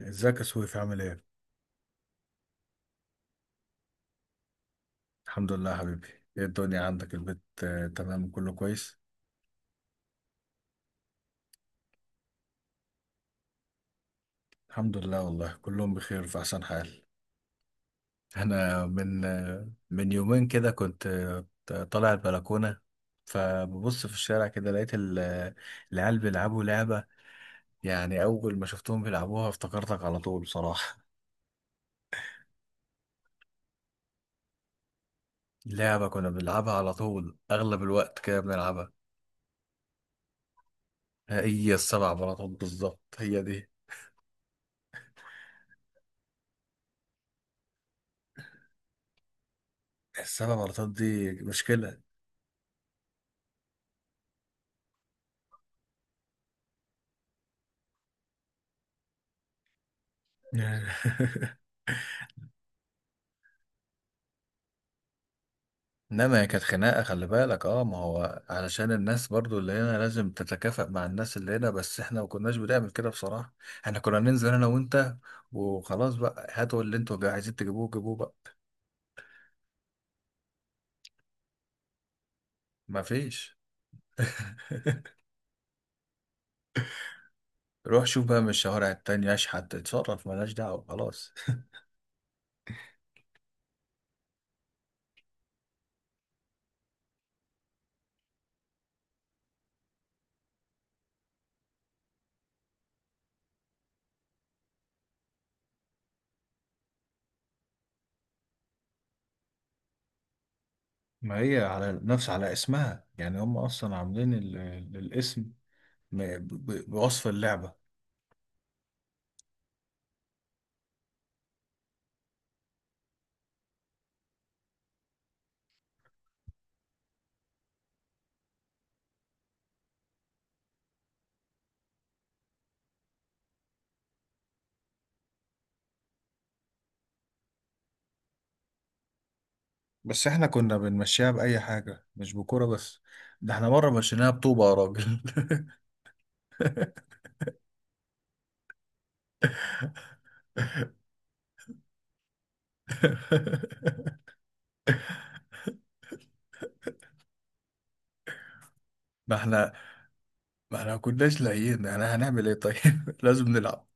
ازيك يا سويف عامل ايه؟ الحمد لله يا حبيبي. ايه الدنيا عندك البيت تمام كله كويس؟ الحمد لله والله كلهم بخير في احسن حال. انا من من يومين كده كنت طالع البلكونة، فببص في الشارع كده لقيت العيال بيلعبوا لعبة. يعني اول ما شفتهم بيلعبوها افتكرتك على طول بصراحة. لعبة كنا بنلعبها على طول، اغلب الوقت كده بنلعبها. هي السبع بلاطات بالظبط، هي دي السبع بلاطات. دي مشكلة. انما هي كانت خناقه، خلي بالك. اه، ما هو علشان الناس برضو اللي هنا لازم تتكافئ مع الناس اللي هنا، بس احنا ما كناش بنعمل كده بصراحه. احنا كنا ننزل انا وانت، وخلاص بقى، هاتوا اللي انتوا عايزين تجيبوه جيبوه بقى. ما فيش. روح شوف بقى من الشوارع التانية، اشحت، اتصرف، ملهاش دعوة خلاص. ما هي على نفس، على اسمها يعني، هم اصلا عاملين الاسم بوصف اللعبة. بس احنا كنا بنمشيها بأي حاجة، مش بكورة بس. ده احنا مرة مشيناها بطوبة يا راجل. ما احنا، ما كناش لاقيين، احنا هنعمل ايه طيب؟ لازم نلعب.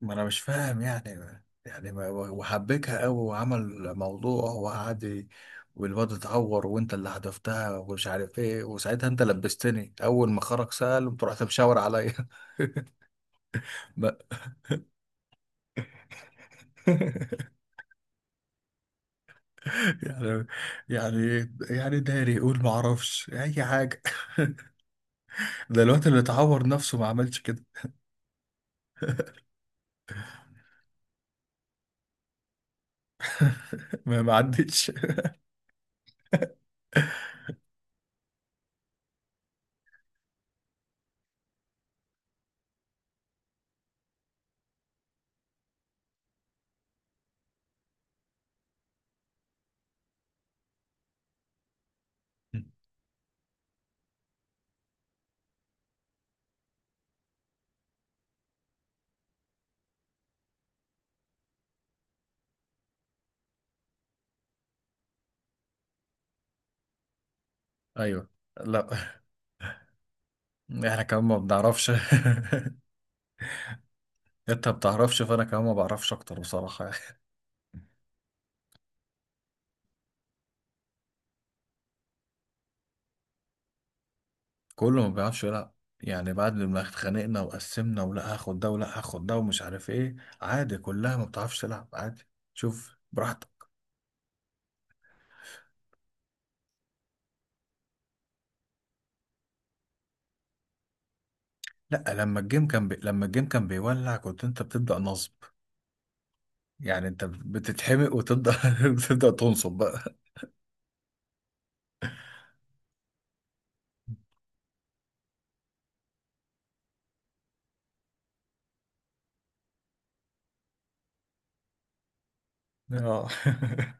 ما انا مش فاهم يعني، يعني ما وحبكها قوي وعمل موضوع وقعد والواد اتعور وانت اللي حدفتها ومش عارف ايه، وساعتها انت لبستني. اول ما خرج سأل قمت رحت مشاور عليا. ما- يعني، يعني داري يقول ما اعرفش اي حاجة. ده الوقت اللي اتعور نفسه ما عملش كده. ما ما عدتش. ايوه. لا، احنا كمان ما بنعرفش. انت ما بتعرفش، فانا كمان ما بعرفش اكتر بصراحه. كله ما بيعرفش يلعب. يعني بعد ما اتخانقنا وقسمنا ولا هاخد ده ولا هاخد ده ومش عارف ايه، عادي، كلها ما بتعرفش تلعب عادي. شوف براحتك. لا، لما الجيم كان بي... لما الجيم كان بيولع كنت انت بتبدا نصب. يعني انت بتتحمق وتبدا بتبدا تنصب بقى. اه.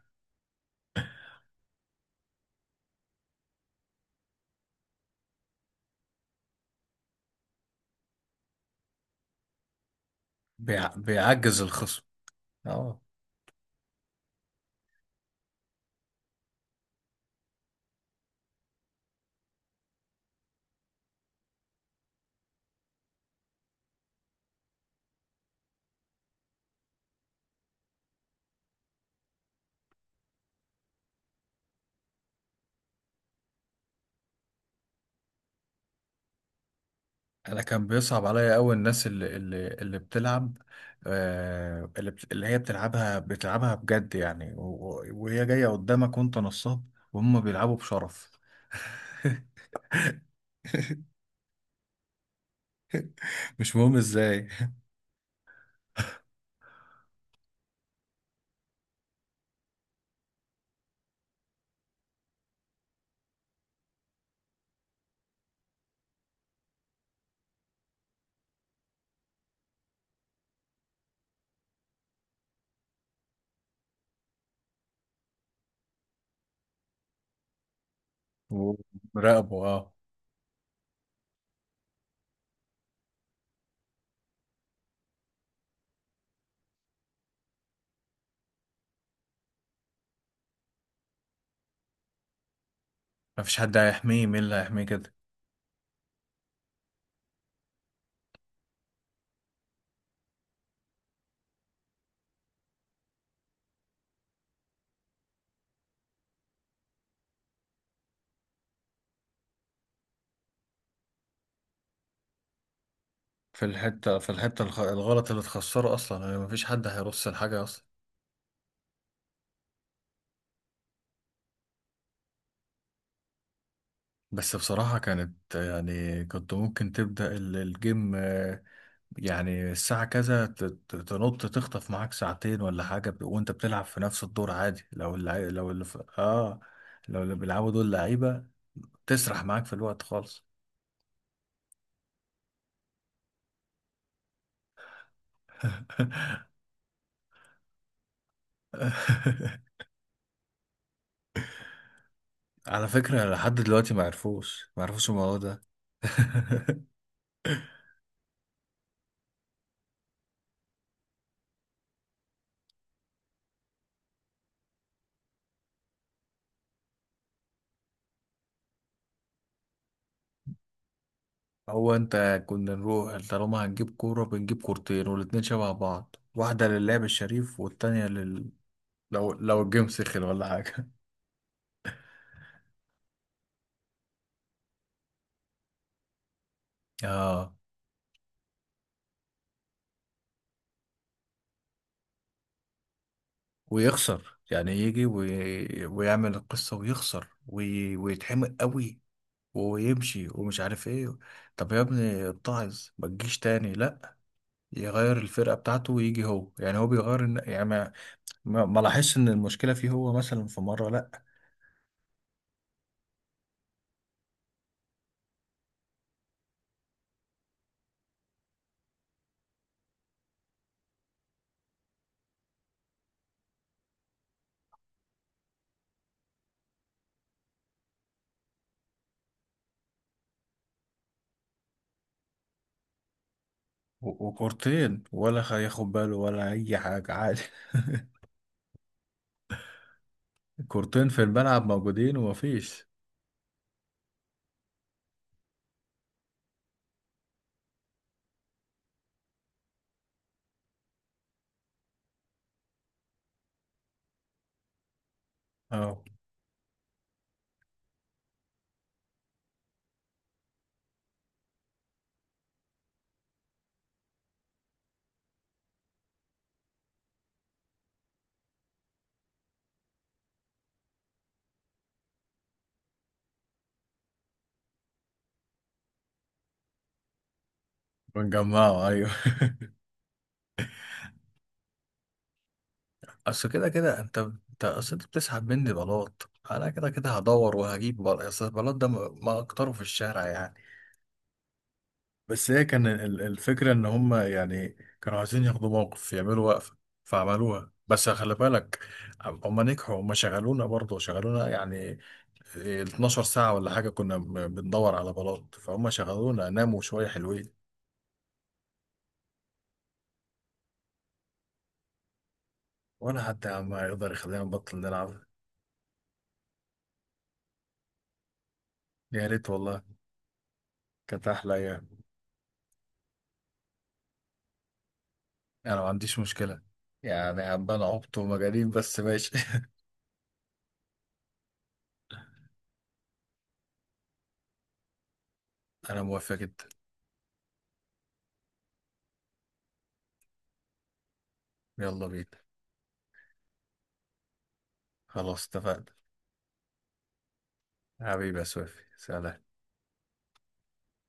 بيع... بيعجز الخصم. اه. انا كان بيصعب عليا قوي الناس اللي بتلعب، اللي بت- اللي هي بتلعبها بتلعبها بجد يعني، وهي جايه قدامك وانت نصاب، وهم بيلعبوا بشرف. مش مهم ازاي. ومراقبه اه. مفيش حد هيحميه، مين اللي هيحميه كده؟ في الحته، الخ- الغلط اللي تخسره اصلا يعني، مفيش حد هيرص الحاجه اصلا. بس بصراحه كانت يعني، كنت ممكن تبدا الجيم يعني الساعة كذا تنط تخطف معاك ساعتين ولا حاجة، وانت بتلعب في نفس الدور عادي. لو اللع... لو اللي في... اه، لو اللي بيلعبوا دول لعيبة تسرح معاك في الوقت خالص. على فكرة لحد دلوقتي ما عرفوش، الموضوع ده. هو انت كنا نروح طالما هنجيب كورة بنجيب كورتين، والاتنين شبه بعض، واحدة للعب الشريف والتانية لل... لو لو الجيم سخن ولا حاجة. اه، ويخسر يعني، يجي وي... ويعمل القصة ويخسر وي... ويتحمق قوي ويمشي ومش عارف ايه. طب يا ابني اتعظ، ما تجيش تاني. لا، يغير الفرقة بتاعته ويجي هو، يعني هو بيغير الن- يعني ما، ما لاحظش ان المشكلة فيه هو. مثلا في مرة لا، و... وكورتين ولا هياخد باله ولا اي حاجة عادي. كورتين في الملعب موجودين ومفيش. اه، بنجمعه ايوه. اصل كده كده انت، اصل انت بتسحب مني بلاط، انا كده كده هدور وهجيب بل... اصل البلاط ده ما ما اكتره في الشارع يعني. بس هي كان الفكره ان هم يعني، كانوا عايزين ياخدوا موقف، يعملوا وقفه، فعملوها. بس خلي بالك، هم نجحوا، هم شغلونا برضه، شغلونا يعني 12 ساعه ولا حاجه كنا بندور على بلاط، فهم شغلونا، ناموا شويه حلوين. ولا حتى يا عم يقدر يخلينا نبطل نلعب. يا ريت والله. كانت احلى أيام. انا ما عنديش مشكلة، يعني عمال عبط ومجانين، بس ماشي. انا موافق جدا. يلا بينا. خلاص اتفقنا. حبيبي يا سويفي، سلام.